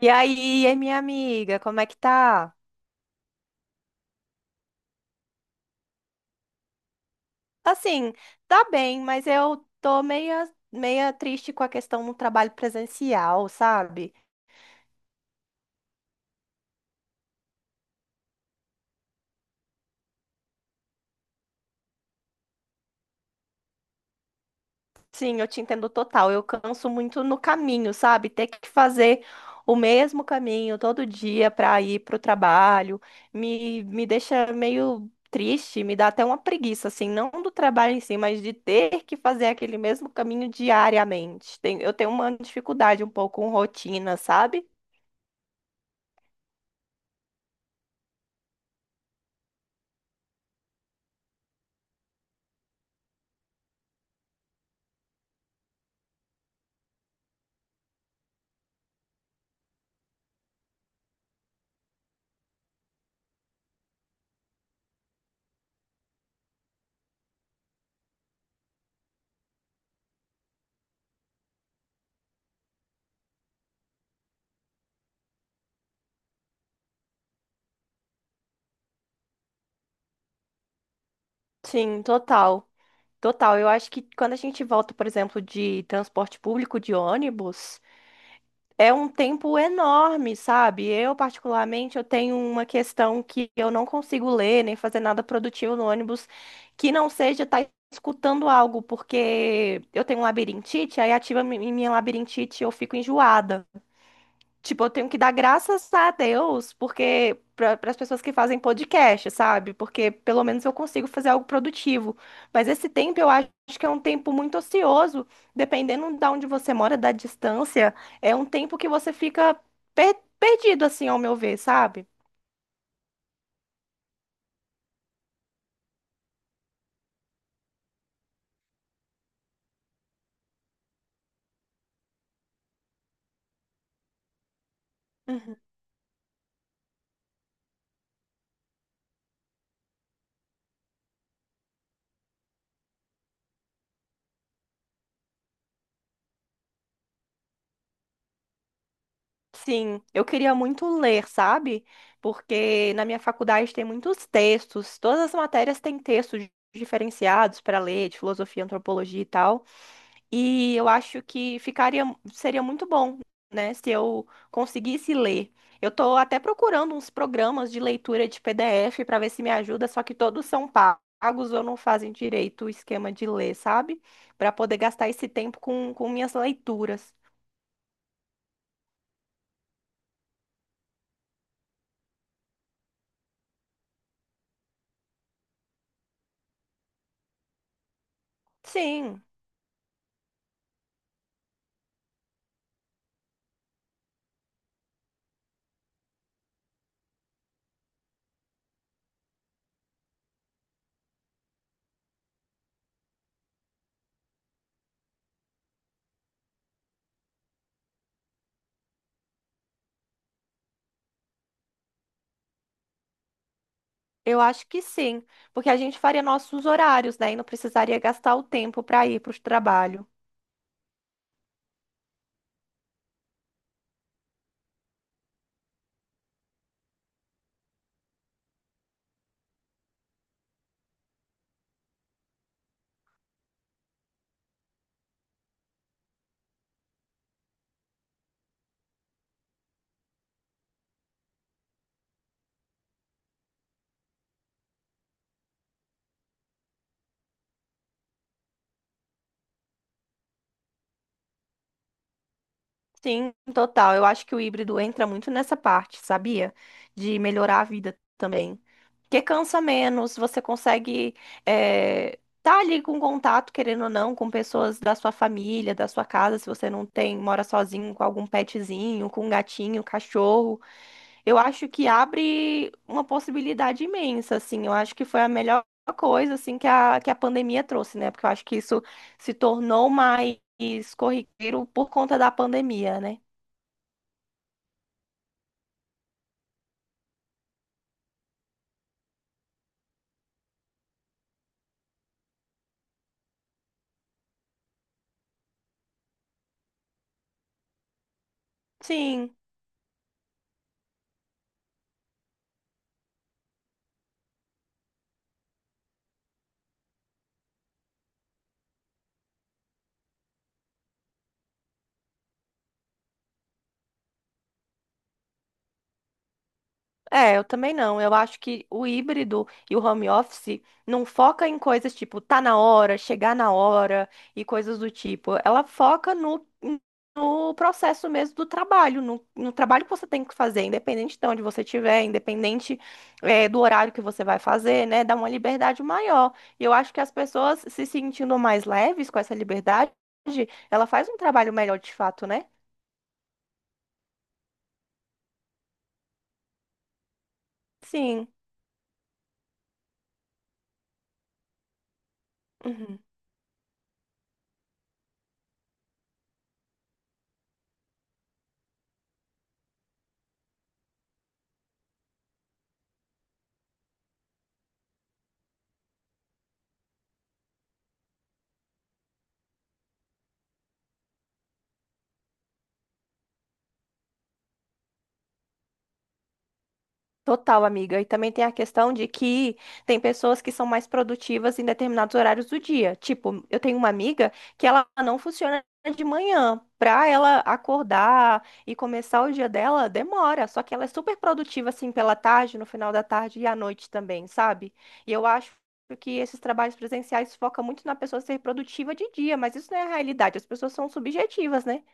E aí, e minha amiga, como é que tá? Assim, tá bem, mas eu tô meia triste com a questão do trabalho presencial, sabe? Sim, eu te entendo total. Eu canso muito no caminho, sabe? Ter que fazer o mesmo caminho todo dia para ir pro trabalho me deixa meio triste, me dá até uma preguiça, assim, não do trabalho em si, mas de ter que fazer aquele mesmo caminho diariamente. Eu tenho uma dificuldade um pouco com rotina, sabe? Sim, total. Total. Eu acho que quando a gente volta, por exemplo, de transporte público, de ônibus, é um tempo enorme, sabe? Eu, particularmente, eu tenho uma questão que eu não consigo ler nem fazer nada produtivo no ônibus que não seja estar escutando algo, porque eu tenho um labirintite, aí ativa minha labirintite e eu fico enjoada. Tipo, eu tenho que dar graças a Deus, porque para as pessoas que fazem podcast, sabe? Porque pelo menos eu consigo fazer algo produtivo. Mas esse tempo eu acho que é um tempo muito ocioso, dependendo da onde você mora, da distância, é um tempo que você fica perdido, assim, ao meu ver, sabe? Uhum. Sim, eu queria muito ler, sabe? Porque na minha faculdade tem muitos textos, todas as matérias têm textos diferenciados para ler, de filosofia, antropologia e tal. E eu acho que ficaria, seria muito bom, né, se eu conseguisse ler. Eu tô até procurando uns programas de leitura de PDF para ver se me ajuda, só que todos são pagos ou não fazem direito o esquema de ler, sabe? Para poder gastar esse tempo com minhas leituras. Sim, eu acho que sim, porque a gente faria nossos horários, né, e não precisaria gastar o tempo para ir para o trabalho. Sim, total. Eu acho que o híbrido entra muito nessa parte, sabia? De melhorar a vida também. Porque cansa menos, você consegue estar tá ali com contato, querendo ou não, com pessoas da sua família, da sua casa, se você não tem, mora sozinho, com algum petzinho, com um gatinho, cachorro. Eu acho que abre uma possibilidade imensa, assim. Eu acho que foi a melhor coisa, assim, que a pandemia trouxe, né? Porque eu acho que isso se tornou mais corriqueiro por conta da pandemia, né? Sim, é, eu também não. Eu acho que o híbrido e o home office não foca em coisas tipo tá na hora, chegar na hora e coisas do tipo. Ela foca no processo mesmo do trabalho, no trabalho que você tem que fazer, independente de onde você estiver, independente, do horário que você vai fazer, né? Dá uma liberdade maior. E eu acho que as pessoas se sentindo mais leves com essa liberdade, ela faz um trabalho melhor de fato, né? Sim. Uhum. Total, amiga. E também tem a questão de que tem pessoas que são mais produtivas em determinados horários do dia. Tipo, eu tenho uma amiga que ela não funciona de manhã. Pra ela acordar e começar o dia dela, demora. Só que ela é super produtiva, assim, pela tarde, no final da tarde e à noite também, sabe? E eu acho que esses trabalhos presenciais focam muito na pessoa ser produtiva de dia, mas isso não é a realidade. As pessoas são subjetivas, né?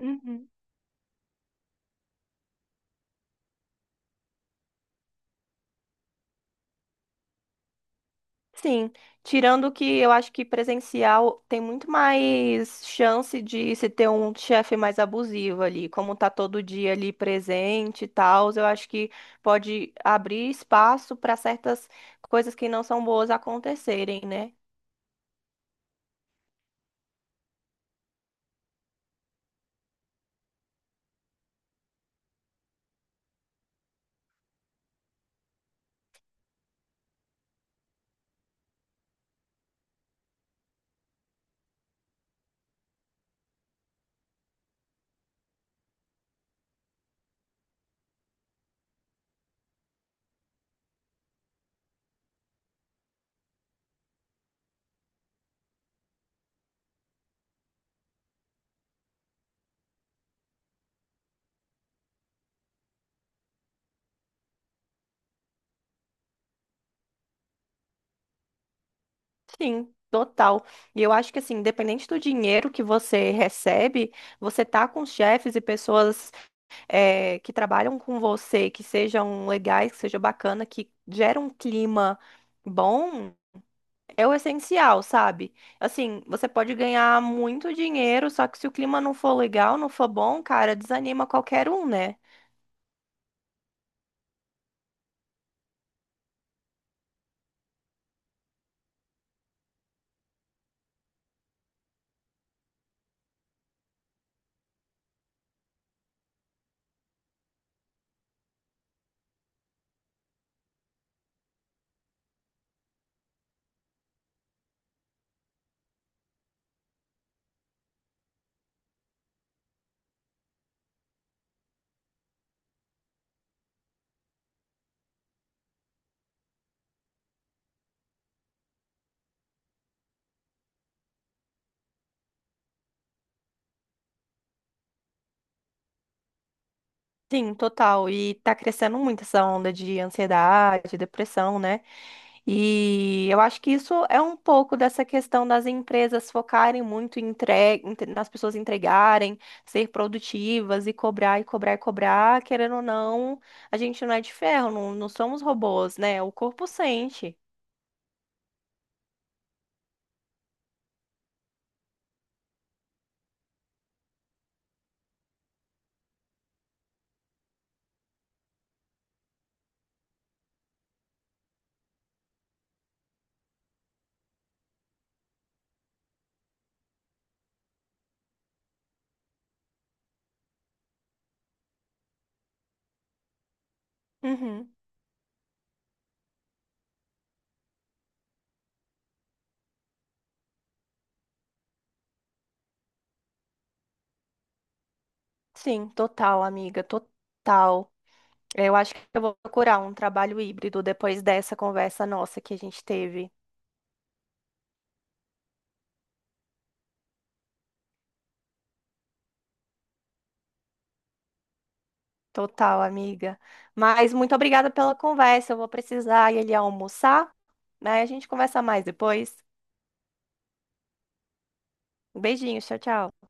Uhum. Sim, tirando que eu acho que presencial tem muito mais chance de se ter um chefe mais abusivo ali, como tá todo dia ali presente e tal, eu acho que pode abrir espaço para certas coisas que não são boas acontecerem, né? Sim, total. E eu acho que assim, independente do dinheiro que você recebe, você tá com chefes e pessoas que trabalham com você, que sejam legais, que seja bacana, que gera um clima bom, é o essencial, sabe? Assim, você pode ganhar muito dinheiro, só que se o clima não for legal, não for bom, cara, desanima qualquer um, né? Sim, total. E tá crescendo muito essa onda de ansiedade, depressão, né? E eu acho que isso é um pouco dessa questão das empresas focarem muito em nas pessoas entregarem, ser produtivas e cobrar e cobrar e cobrar. Querendo ou não, a gente não é de ferro, não somos robôs, né? O corpo sente. Uhum. Sim, total, amiga, total. Eu acho que eu vou procurar um trabalho híbrido depois dessa conversa nossa que a gente teve. Total, amiga. Mas muito obrigada pela conversa. Eu vou precisar ir ali almoçar, né? A gente conversa mais depois. Beijinhos, tchau, tchau.